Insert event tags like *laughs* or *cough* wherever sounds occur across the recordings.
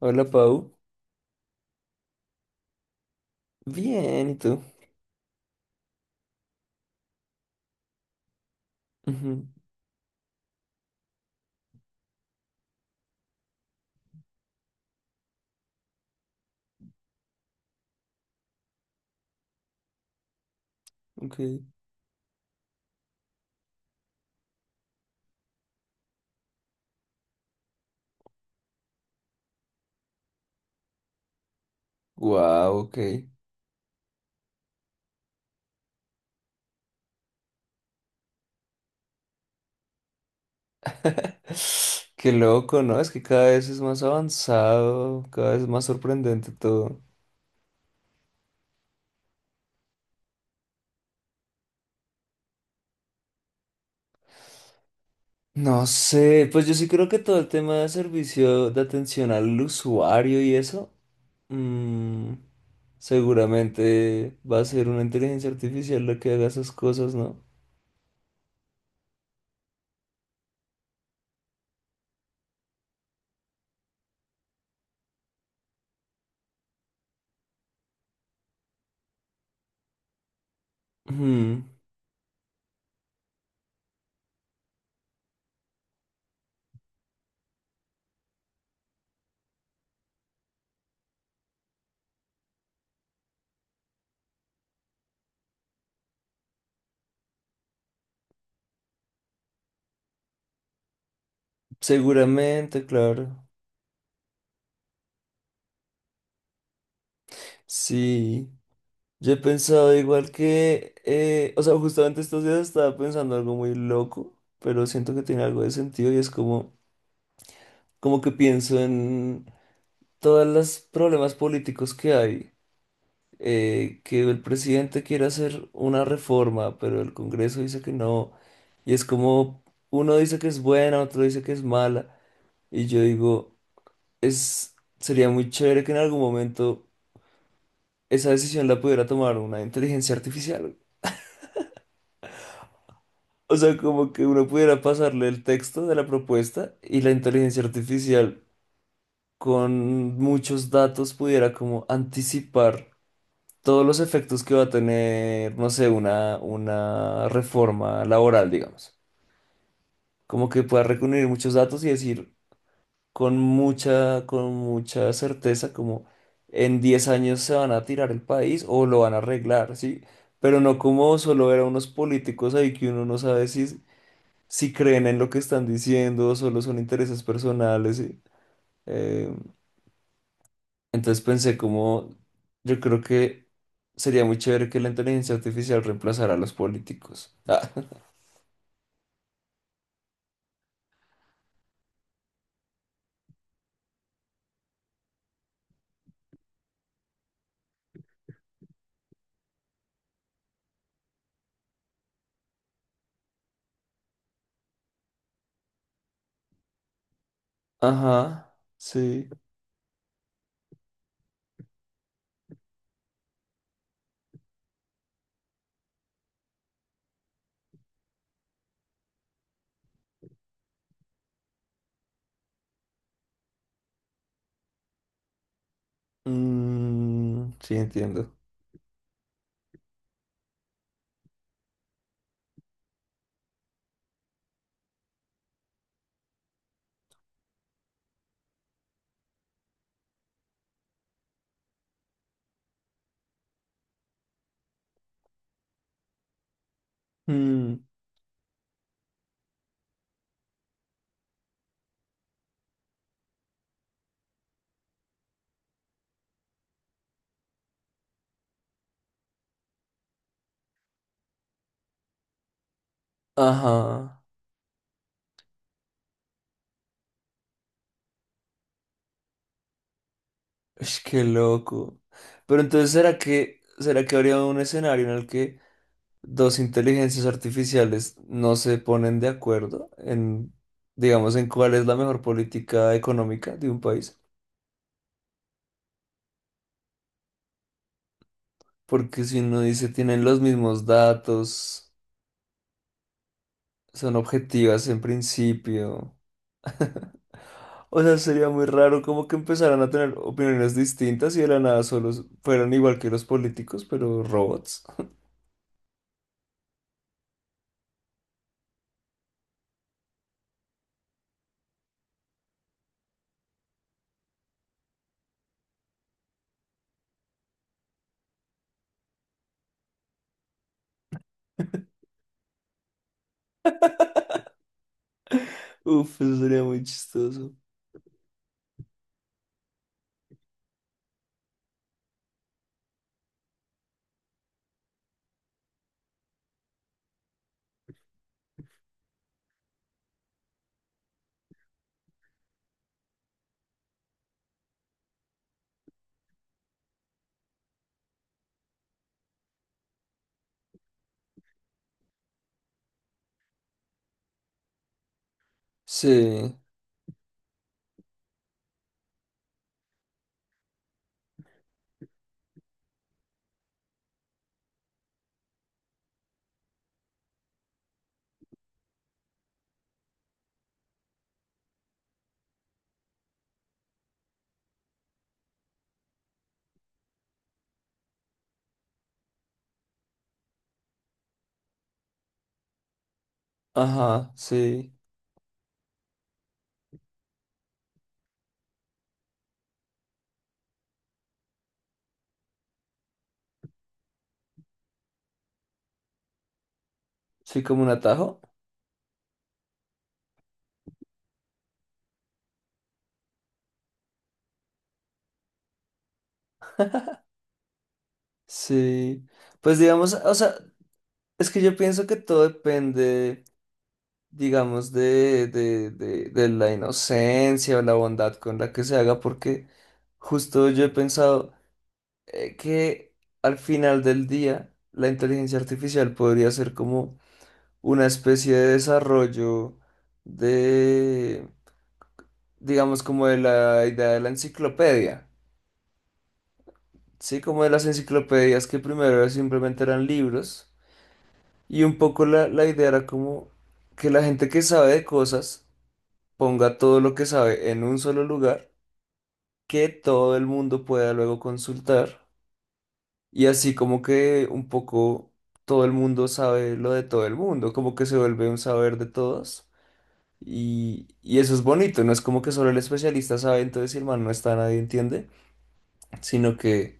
Hola, Pau. Bien, ¿y tú? Ujú, ok. Wow, ok. *laughs* Qué loco, ¿no? Es que cada vez es más avanzado, cada vez es más sorprendente todo. No sé, pues yo sí creo que todo el tema de servicio de atención al usuario y eso, mm, seguramente va a ser una inteligencia artificial la que haga esas cosas, ¿no? Ujú, seguramente, claro. Sí. Yo he pensado igual que, o sea, justamente estos días estaba pensando algo muy loco, pero siento que tiene algo de sentido y es como, como que pienso en todos los problemas políticos que hay, que el presidente quiere hacer una reforma, pero el Congreso dice que no, y es como, uno dice que es buena, otro dice que es mala, y yo digo, es, sería muy chévere que en algún momento esa decisión la pudiera tomar una inteligencia artificial. O sea, como que uno pudiera pasarle el texto de la propuesta y la inteligencia artificial con muchos datos pudiera como anticipar todos los efectos que va a tener, no sé, una reforma laboral, digamos. Como que pueda reunir muchos datos y decir con mucha certeza como en 10 años se van a tirar el país o lo van a arreglar, ¿sí? Pero no como solo ver a unos políticos ahí que uno no sabe si creen en lo que están diciendo, solo son intereses personales. Y, eh, entonces pensé como, yo creo que sería muy chévere que la inteligencia artificial reemplazara a los políticos. Ah, *laughs* ajá, sí. Mm, sí, entiendo. Mm, ajá, es que loco. Pero entonces, será que habría un escenario en el que dos inteligencias artificiales no se ponen de acuerdo en, digamos, en cuál es la mejor política económica de un país, porque si uno dice tienen los mismos datos, son objetivas en principio, *laughs* o sea, sería muy raro como que empezaran a tener opiniones distintas y de la nada solo fueran igual que los políticos, pero robots? Uf, eso sería muy chistoso. Sí, ajá, sí. Sí, como un atajo. Sí, pues digamos, o sea, es que yo pienso que todo depende, digamos, de, de la inocencia o la bondad con la que se haga, porque justo yo he pensado que al final del día la inteligencia artificial podría ser como una especie de desarrollo de, digamos, como de la idea de la enciclopedia, ¿sí? Como de las enciclopedias que primero simplemente eran libros. Y un poco la idea era como que la gente que sabe de cosas ponga todo lo que sabe en un solo lugar, que todo el mundo pueda luego consultar. Y así como que un poco todo el mundo sabe lo de todo el mundo, como que se vuelve un saber de todos. Y eso es bonito, no es como que solo el especialista sabe, entonces si el man no está, nadie entiende, sino que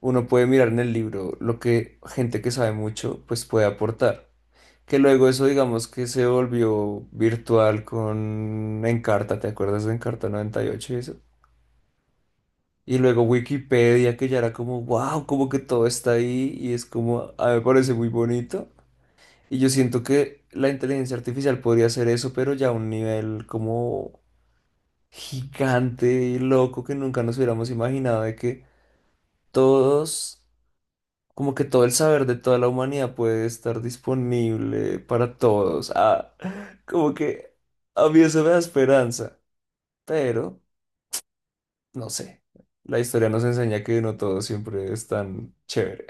uno puede mirar en el libro lo que gente que sabe mucho pues puede aportar. Que luego eso digamos que se volvió virtual con Encarta, ¿te acuerdas de Encarta 98 y ocho y eso? Y luego Wikipedia, que ya era como, wow, como que todo está ahí y es como, a mí me parece muy bonito. Y yo siento que la inteligencia artificial podría hacer eso, pero ya a un nivel como gigante y loco que nunca nos hubiéramos imaginado de que todos, como que todo el saber de toda la humanidad puede estar disponible para todos. Ah, como que a mí eso me da esperanza, pero no sé. La historia nos enseña que no todo siempre es tan chévere.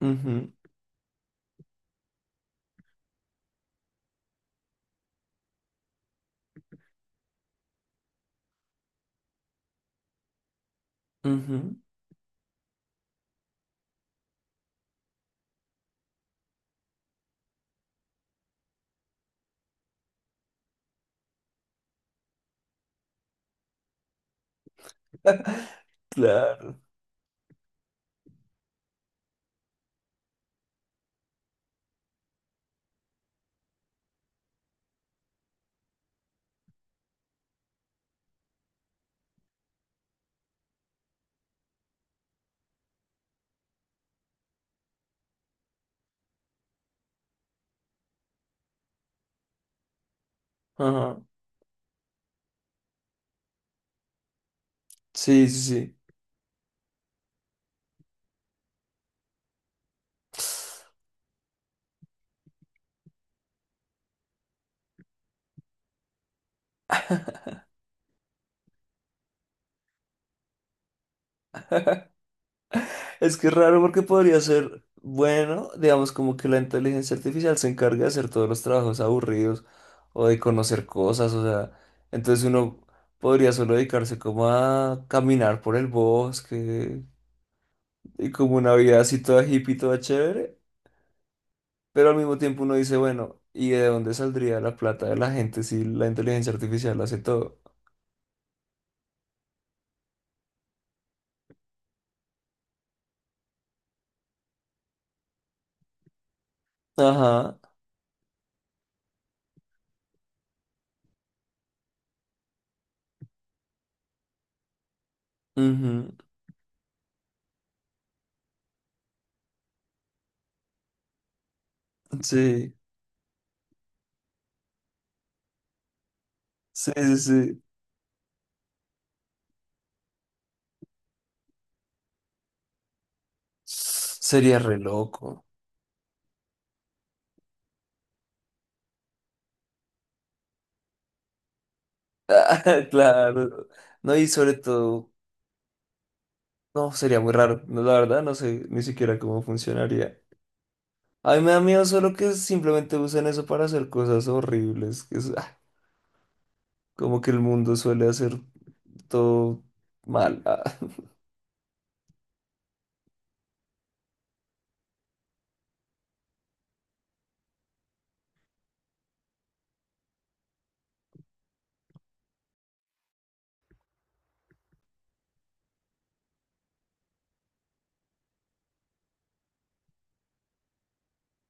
*laughs* Ujú, ujú. *laughs* Claro. Ajá. Sí, sí, sí. Es que es raro porque podría ser, bueno, digamos como que la inteligencia artificial se encarga de hacer todos los trabajos aburridos o de conocer cosas, o sea, entonces uno podría solo dedicarse como a caminar por el bosque y como una vida así toda hippie, toda chévere, pero al mismo tiempo uno dice, bueno, ¿y de dónde saldría la plata de la gente si la inteligencia artificial hace todo? Ajá, ujú. Sí, sí, sí, sí. Sería re loco. Ah, *laughs* claro. No, y sobre todo, no, sería muy raro. No, la verdad, no sé ni siquiera cómo funcionaría. A mí me da miedo solo que simplemente usen eso para hacer cosas horribles. Que es, ah, como que el mundo suele hacer todo mal. Ah, *laughs*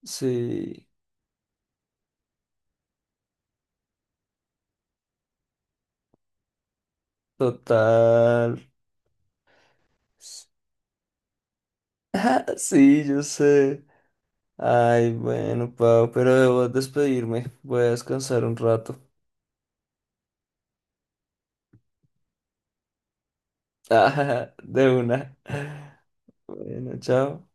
sí, total. Ah, sí, yo sé. Ay, bueno, Pau, pero debo despedirme. Voy a descansar un rato. *laughs* Ah, de una. Bueno, chao.